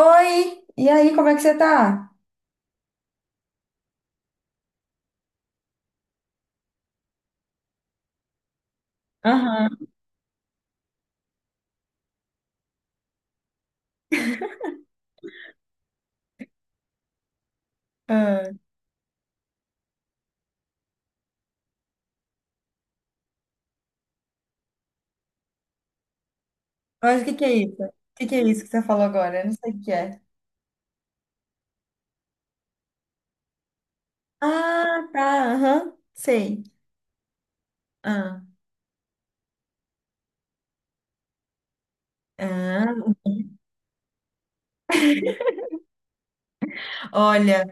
Oi! E aí, como é que você tá? Aham. Ah, Mas o que que é isso? O que que é isso que você falou agora? Eu não sei o que é. Ah, tá, aham, sei. ah, ah. Olha,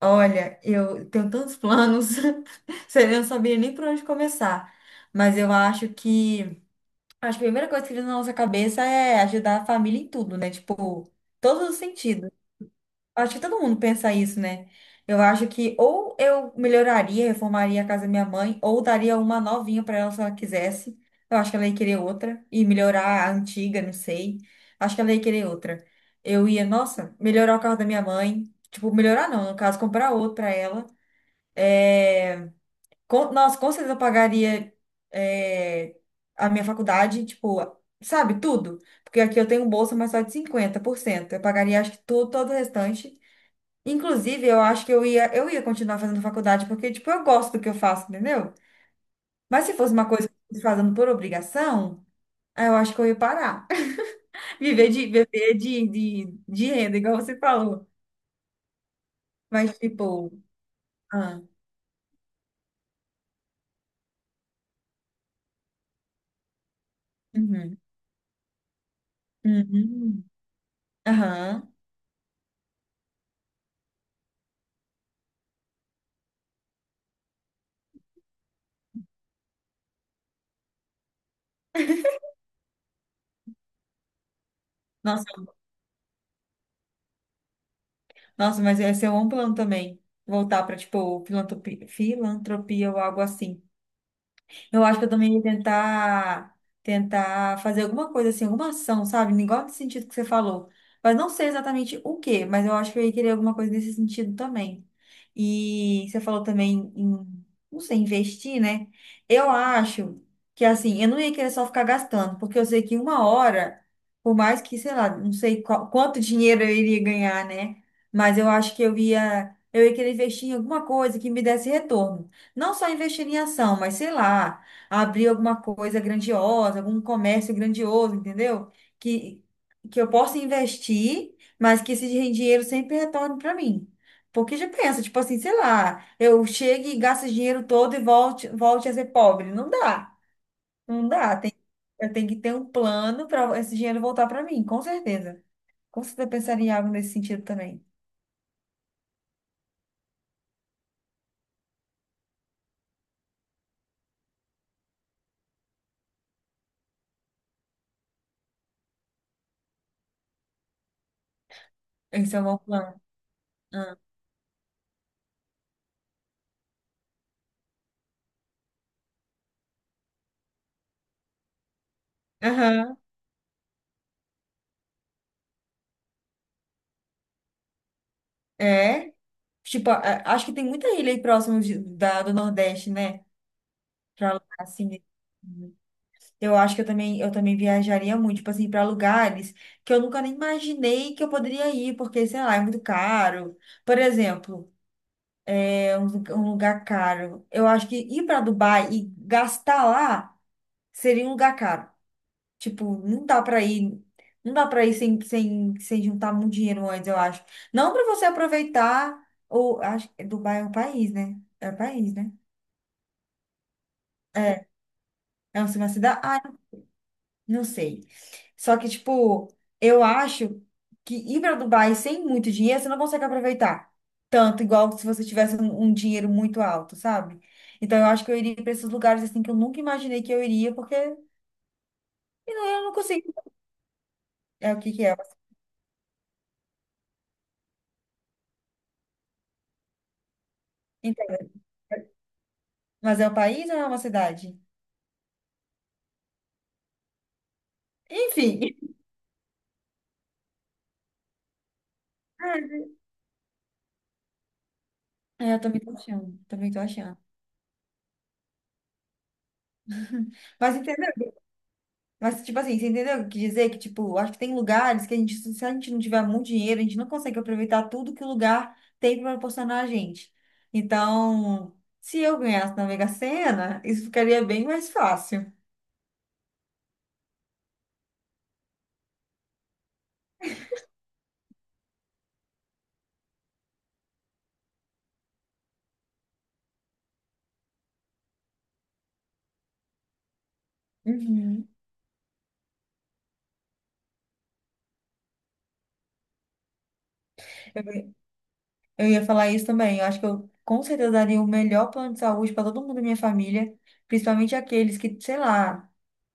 olha, eu tenho tantos planos. Eu não sabia nem por onde começar. Mas eu acho que a primeira coisa que vem na nossa cabeça é ajudar a família em tudo, né? Tipo, todos os sentidos. Acho que todo mundo pensa isso, né? Eu acho que ou eu melhoraria, reformaria a casa da minha mãe, ou daria uma novinha para ela se ela quisesse. Eu acho que ela ia querer outra e melhorar a antiga, não sei. Acho que ela ia querer outra. Eu ia, nossa, melhorar o carro da minha mãe. Tipo, melhorar não, no caso, comprar outro para ela. Com, nossa, com certeza eu pagaria é, a minha faculdade, tipo, sabe, tudo. Porque aqui eu tenho bolsa, mas só de 50%. Eu pagaria, acho que tudo, todo o restante. Inclusive, eu acho que eu ia continuar fazendo faculdade, porque, tipo, eu gosto do que eu faço, entendeu? Mas se fosse uma coisa que eu estivesse fazendo por obrigação, aí eu acho que eu ia parar. Viver de renda, igual você falou. Mas, tipo, ah, uhum, uhum, aham. Nossa, nossa, mas esse é um plano também. Voltar para, tipo, filantropia ou algo assim. Eu acho que eu também ia tentar, tentar fazer alguma coisa assim, alguma ação, sabe? Igual nesse sentido que você falou. Mas não sei exatamente o quê, mas eu acho que eu ia querer alguma coisa nesse sentido também. E você falou também em, não sei, investir, né? Eu acho que assim, eu não ia querer só ficar gastando, porque eu sei que uma hora, por mais que, sei lá, não sei qual- quanto dinheiro eu iria ganhar, né? Mas eu acho que eu ia querer investir em alguma coisa que me desse retorno. Não só investir em ação, mas sei lá abrir alguma coisa grandiosa, algum comércio grandioso, entendeu? Que, que eu possa investir, mas que esse dinheiro sempre retorne para mim. Porque já pensa, tipo assim, sei lá, eu chego e gasto esse dinheiro todo e volte a ser pobre. Não dá. Eu tenho que ter um plano para esse dinheiro voltar para mim, com certeza. Com certeza eu pensaria em algo nesse sentido também. Esse é o meu plano. Ah. Aham. É. Tipo, acho que tem muita ilha aí da, do Nordeste, né? Pra alugar assim, né? Eu acho que eu também viajaria muito, tipo assim, para lugares que eu nunca nem imaginei que eu poderia ir, porque, sei lá, é muito caro. Por exemplo, é um lugar caro. Eu acho que ir para Dubai e gastar lá seria um lugar caro. Tipo, não dá para ir sem juntar muito dinheiro antes, eu acho. Não para você aproveitar, ou acho que Dubai é um país, né? É um país, né? É uma cidade? Ah, não sei. Só que, tipo, eu acho que ir para Dubai sem muito dinheiro, você não consegue aproveitar tanto, igual se você tivesse um dinheiro muito alto, sabe? Então, eu acho que eu iria para esses lugares, assim, que eu nunca imaginei que eu iria, porque eu não, eu não consigo. É o que que é. Então, mas é um país ou é uma cidade? Enfim. É, eu também tô achando, também tô achando. Mas entendeu? Mas, tipo assim, você entendeu o que eu quis dizer? Que, tipo, acho que tem lugares que a gente, se a gente não tiver muito dinheiro, a gente não consegue aproveitar tudo que o lugar tem para proporcionar a gente. Então, se eu ganhasse na Mega Sena, isso ficaria bem mais fácil. Uhum. Eu ia falar isso também. Eu acho que eu com certeza daria o melhor plano de saúde para todo mundo da minha família, principalmente aqueles que, sei lá,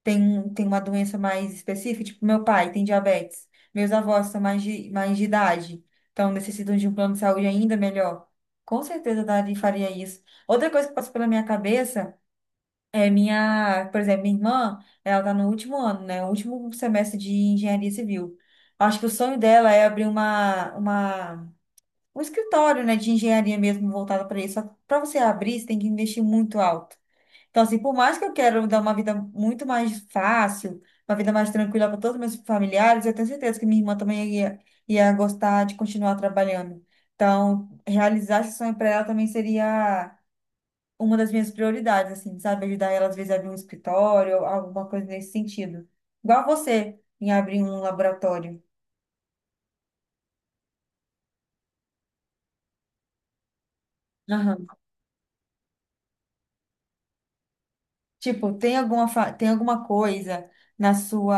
tem uma doença mais específica, tipo meu pai tem diabetes, meus avós são mais de idade, então necessitam de um plano de saúde ainda melhor. Com certeza daria, faria isso. Outra coisa que passou pela minha cabeça é minha, por exemplo, minha irmã. Ela tá no último ano, né? O último semestre de engenharia civil. Acho que o sonho dela é abrir uma um escritório, né, de engenharia mesmo voltado para isso. Só que para você abrir, você tem que investir muito alto. Então, assim, por mais que eu quero dar uma vida muito mais fácil, uma vida mais tranquila para todos os meus familiares, eu tenho certeza que minha irmã também ia gostar de continuar trabalhando. Então, realizar esse sonho para ela também seria uma das minhas prioridades, assim, sabe? Ajudar ela, às vezes, a abrir um escritório, alguma coisa nesse sentido. Igual você em abrir um laboratório. Tipo, tem alguma coisa na sua,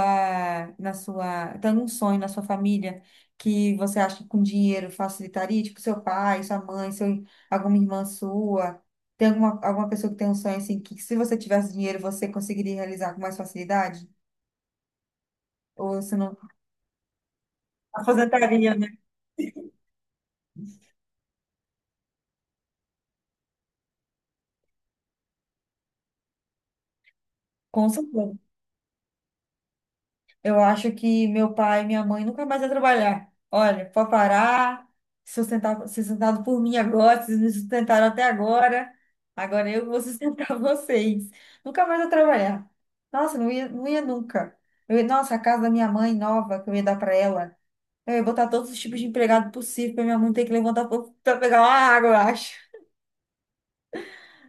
na sua, tem algum sonho na sua família que você acha que com dinheiro facilitaria? Tipo, seu pai, sua mãe, seu, alguma irmã sua. Tem alguma pessoa que tem um sonho assim que, se você tivesse dinheiro, você conseguiria realizar com mais facilidade? Ou você não... Aposentaria, né? Com certeza. Eu acho que meu pai e minha mãe nunca mais vai trabalhar. Olha, pode parar, sustentar, ser sustentado por mim agora. Vocês me sustentaram até agora, agora eu vou sustentar vocês. Nunca mais vou trabalhar. Nossa, não ia nunca. Nossa, a casa da minha mãe nova que eu ia dar para ela, eu ia botar todos os tipos de empregado possível para minha mãe ter que levantar para pegar uma água, eu acho.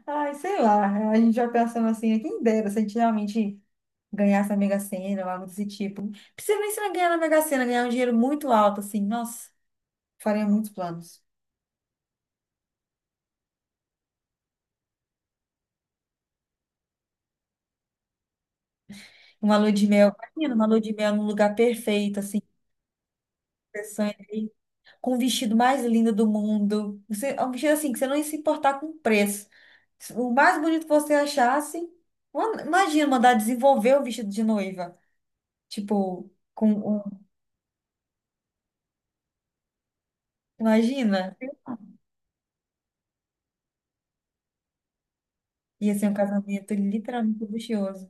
Ai, sei lá, a gente já pensando assim, quem dera se a gente realmente ganhar essa Mega Sena ou algo desse tipo. Não precisa nem ser ganhar na Mega Sena, ganhar um dinheiro muito alto, assim. Nossa, faria muitos planos. Uma lua de mel, imagina, uma lua de mel num lugar perfeito, assim, interessante, com o vestido mais lindo do mundo. É um vestido assim, que você não ia se importar com o preço. O mais bonito que você achasse. Mano, imagina mandar desenvolver o vestido de noiva. Tipo, com um. Imagina. Ia ser um casamento literalmente luxuoso.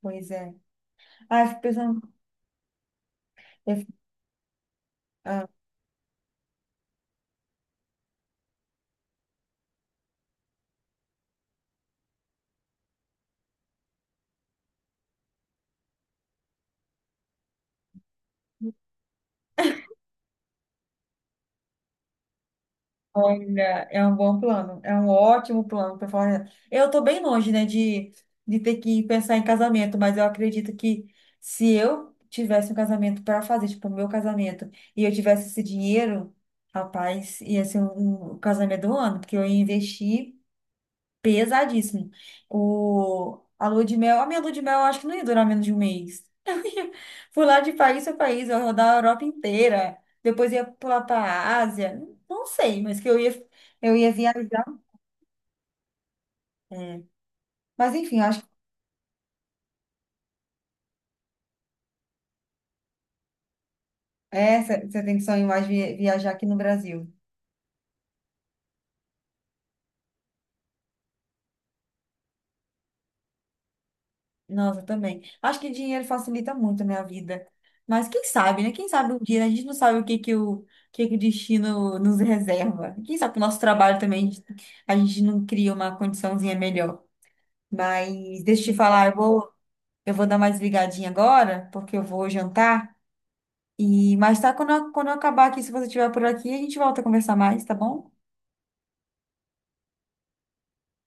Pois é. Ah, eu fico pensando. eu fico- ah, Olha, é um bom plano, é um ótimo plano para falar. Eu estou bem longe, né, de ter que pensar em casamento, mas eu acredito que, se eu tivesse um casamento para fazer, tipo, o meu casamento, e eu tivesse esse dinheiro, rapaz, ia ser um casamento do ano, porque eu ia investir. Pesadíssimo. A lua de mel, a minha lua de mel, eu acho que não ia durar menos de um mês. Eu ia pular de país a país, eu ia rodar a Europa inteira, depois ia pular para a Ásia, não sei, mas que eu ia viajar. É. Mas enfim, eu acho que essa você tem que sonhar mais viajar aqui no Brasil. Nossa, também. Acho que dinheiro facilita muito, né, a vida. Mas quem sabe, né? Quem sabe um dia, né? A gente não sabe que o destino nos reserva. Quem sabe o nosso trabalho também, a gente não cria uma condiçãozinha melhor. Mas deixa eu te falar, eu vou dar mais ligadinha agora, porque eu vou jantar. E mais tá quando quando eu acabar aqui, se você estiver por aqui, a gente volta a conversar mais, tá bom?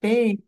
Beijo.